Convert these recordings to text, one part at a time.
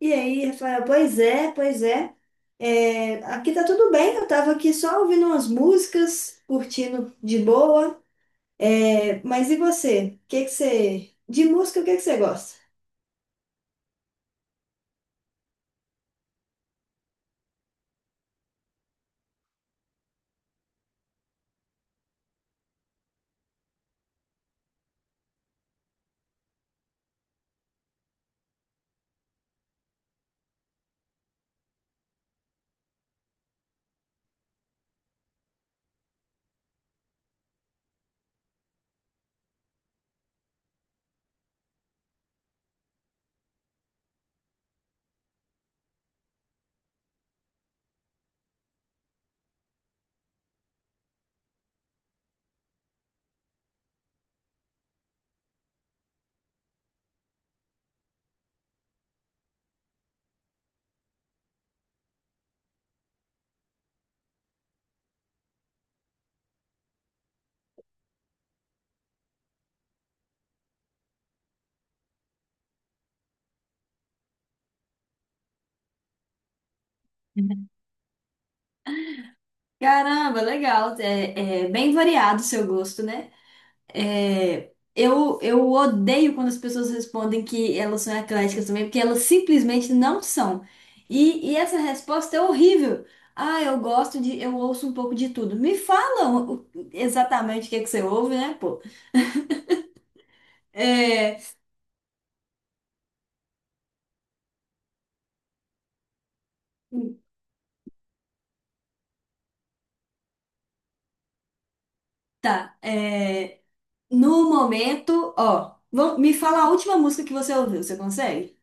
E aí, Rafael, pois é. Aqui tá tudo bem, eu tava aqui só ouvindo umas músicas, curtindo de boa. É, mas e você? O que que você. De música, o que que você gosta? Caramba, legal. É bem variado o seu gosto, né? Eu odeio quando as pessoas respondem que elas são ecléticas também, porque elas simplesmente não são. E essa resposta é horrível. Ah, eu gosto de, eu ouço um pouco de tudo. Me fala exatamente o que é que você ouve, né, pô? É, tá. é, no momento, ó, me fala a última música que você ouviu, você consegue?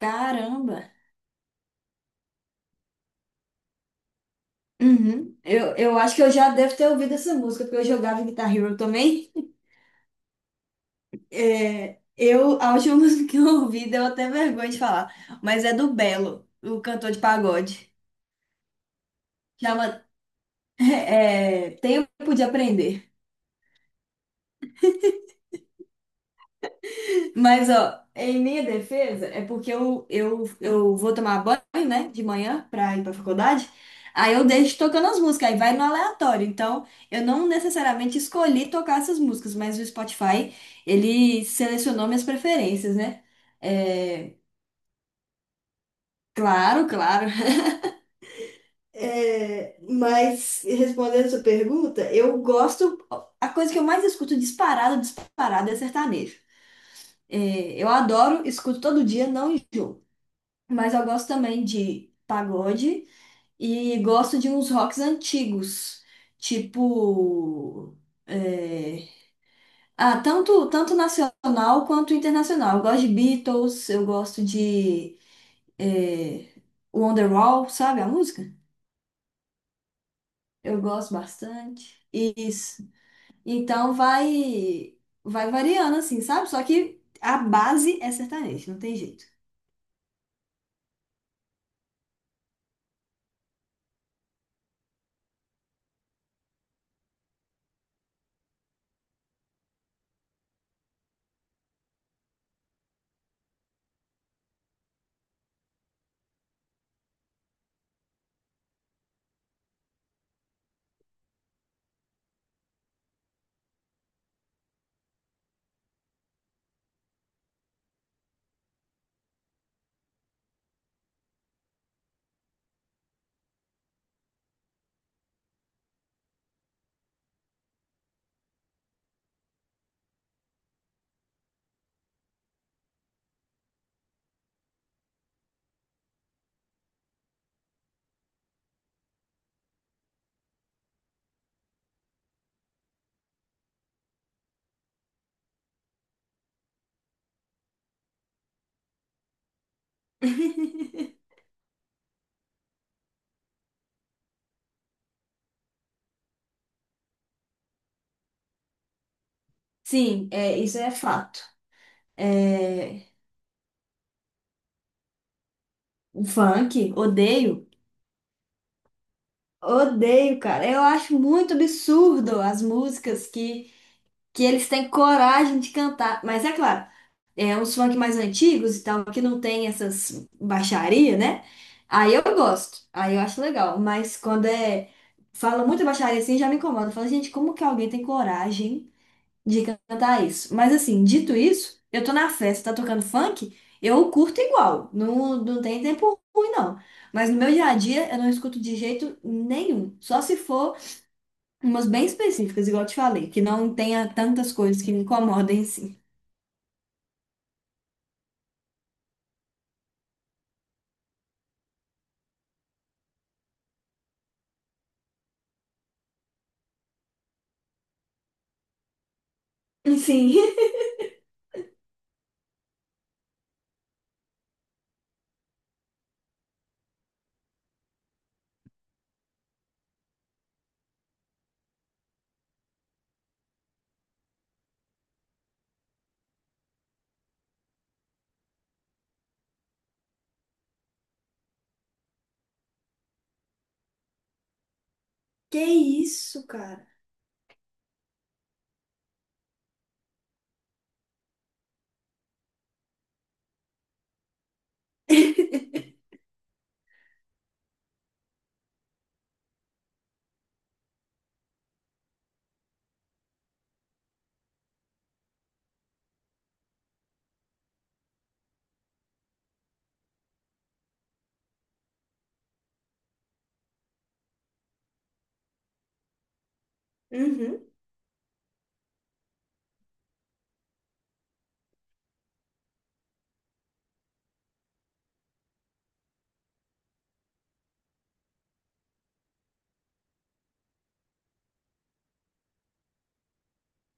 Caramba. Uhum. Eu acho que eu já devo ter ouvido essa música, porque eu jogava Guitar Hero também. A última música que eu ouvi deu até vergonha de falar, mas é do Belo, o cantor de pagode. Chama, Tempo de Aprender. Mas, ó, em minha defesa, é porque eu vou tomar banho, né, de manhã pra ir pra faculdade. Aí eu deixo tocando as músicas, aí vai no aleatório. Então, eu não necessariamente escolhi tocar essas músicas, mas o Spotify, ele selecionou minhas preferências, né? É, claro, claro. É, mas respondendo a sua pergunta, eu gosto. A coisa que eu mais escuto, disparado, disparado, é sertanejo. É, eu adoro, escuto todo dia, não enjoo. Mas eu gosto também de pagode e gosto de uns rocks antigos, tipo. é, tanto nacional quanto internacional. Eu gosto de Beatles, eu gosto de é, Wonderwall, sabe a música? Eu gosto bastante. E então vai variando assim, sabe? Só que a base é sertanejo, não tem jeito. Sim, é, isso é fato. É, o funk, odeio. Odeio, cara. Eu acho muito absurdo as músicas que eles têm coragem de cantar. Mas é claro, é uns funk mais antigos e tal, que não tem essas baixaria, né? Aí eu gosto, aí eu acho legal. Mas quando é. Fala muita baixaria assim, já me incomoda. Fala, gente, como que alguém tem coragem de cantar isso? Mas assim, dito isso, eu tô na festa, tá tocando funk, eu curto igual. Não, não tem tempo ruim, não. Mas no meu dia a dia, eu não escuto de jeito nenhum. Só se for. Umas bem específicas, igual eu te falei, que não tenha tantas coisas que me incomodem assim. Sim. Que isso, cara? Uhum.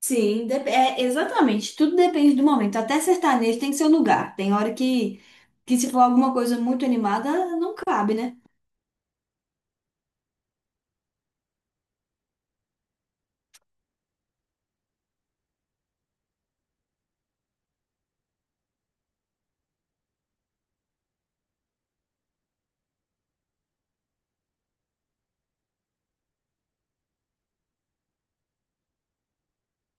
Exatamente. Tudo depende do momento. Até sertanejo tem seu lugar. Tem hora que se for alguma coisa muito animada, não cabe, né?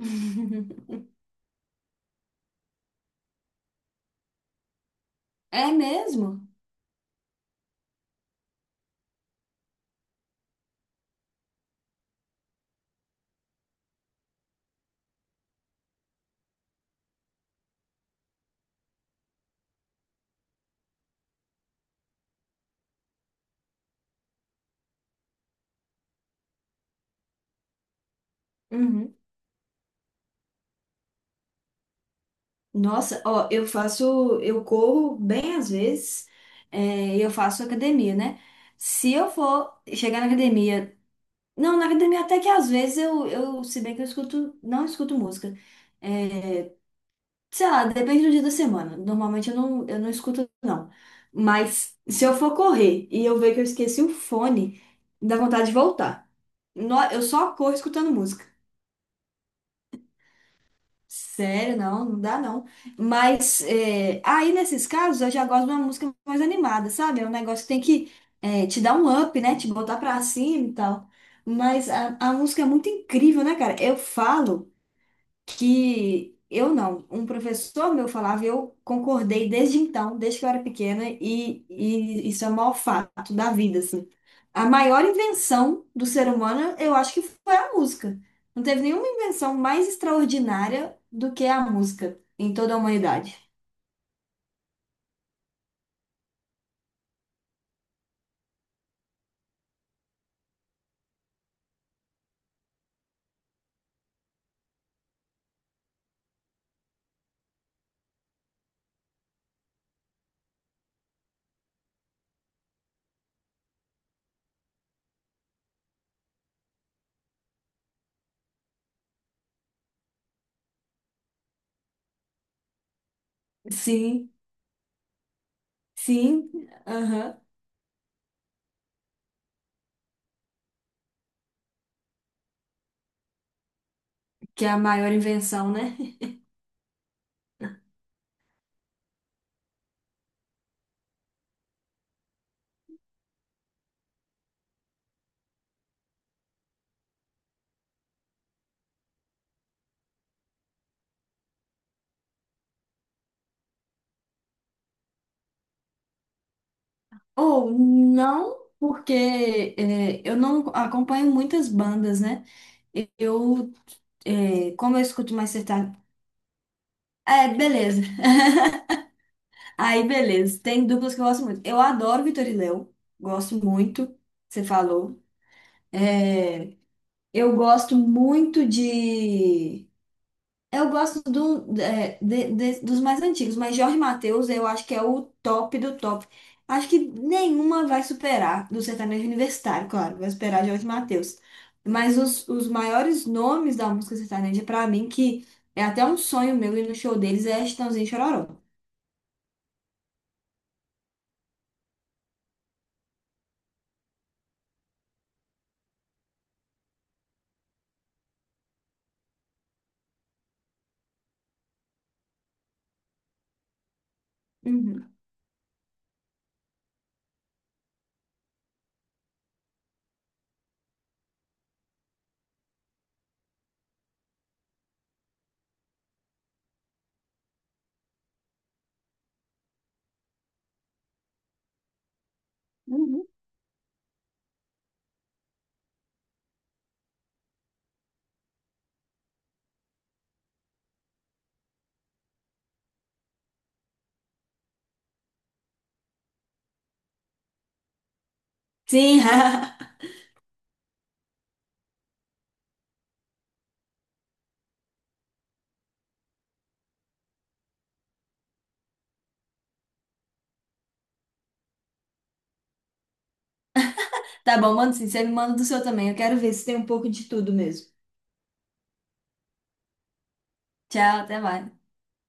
É mesmo? Uhum. Nossa, ó, eu faço, eu corro bem às vezes, é, e eu faço academia, né? Se eu for chegar na academia Não, na academia até que às vezes eu, se bem que eu escuto, não escuto música. É, sei lá, depende do dia da semana. Normalmente eu não escuto, não. Mas se eu for correr e eu ver que eu esqueci o fone, dá vontade de voltar. Eu só corro escutando música. Sério, não, não dá não. Mas é, aí nesses casos eu já gosto de uma música mais animada, sabe? É um negócio que tem que te dar um up, né? Te botar pra cima e tal. Mas a música é muito incrível, né, cara? Eu falo que eu não, um professor meu falava, e eu concordei desde então, desde que eu era pequena, e isso é o maior fato da vida, assim. A maior invenção do ser humano, eu acho que foi a música. Não teve nenhuma invenção mais extraordinária do que a música em toda a humanidade. Sim, sim, aham, que é a maior invenção, né? Ou não, porque é, eu não acompanho muitas bandas, né? Eu É, como eu escuto mais sertanejo. É, beleza. Aí, beleza. Tem duplas que eu gosto muito. Eu adoro Vitor e Léo. Gosto muito. Você falou. É, eu gosto muito de. Eu gosto do, é, de- Dos mais antigos, mas Jorge Mateus eu acho que é o top do top. Acho que nenhuma vai superar, do sertanejo universitário, claro, vai superar Jorge Mateus. Mas os maiores nomes da música sertaneja, pra mim, que é até um sonho meu ir no show deles, é Chitãozinho e Chororó. Uhum. Uhum. Sim, tá bom, manda sim. Você me manda do seu também. Eu quero ver se tem um pouco de tudo mesmo. Tchau, até mais.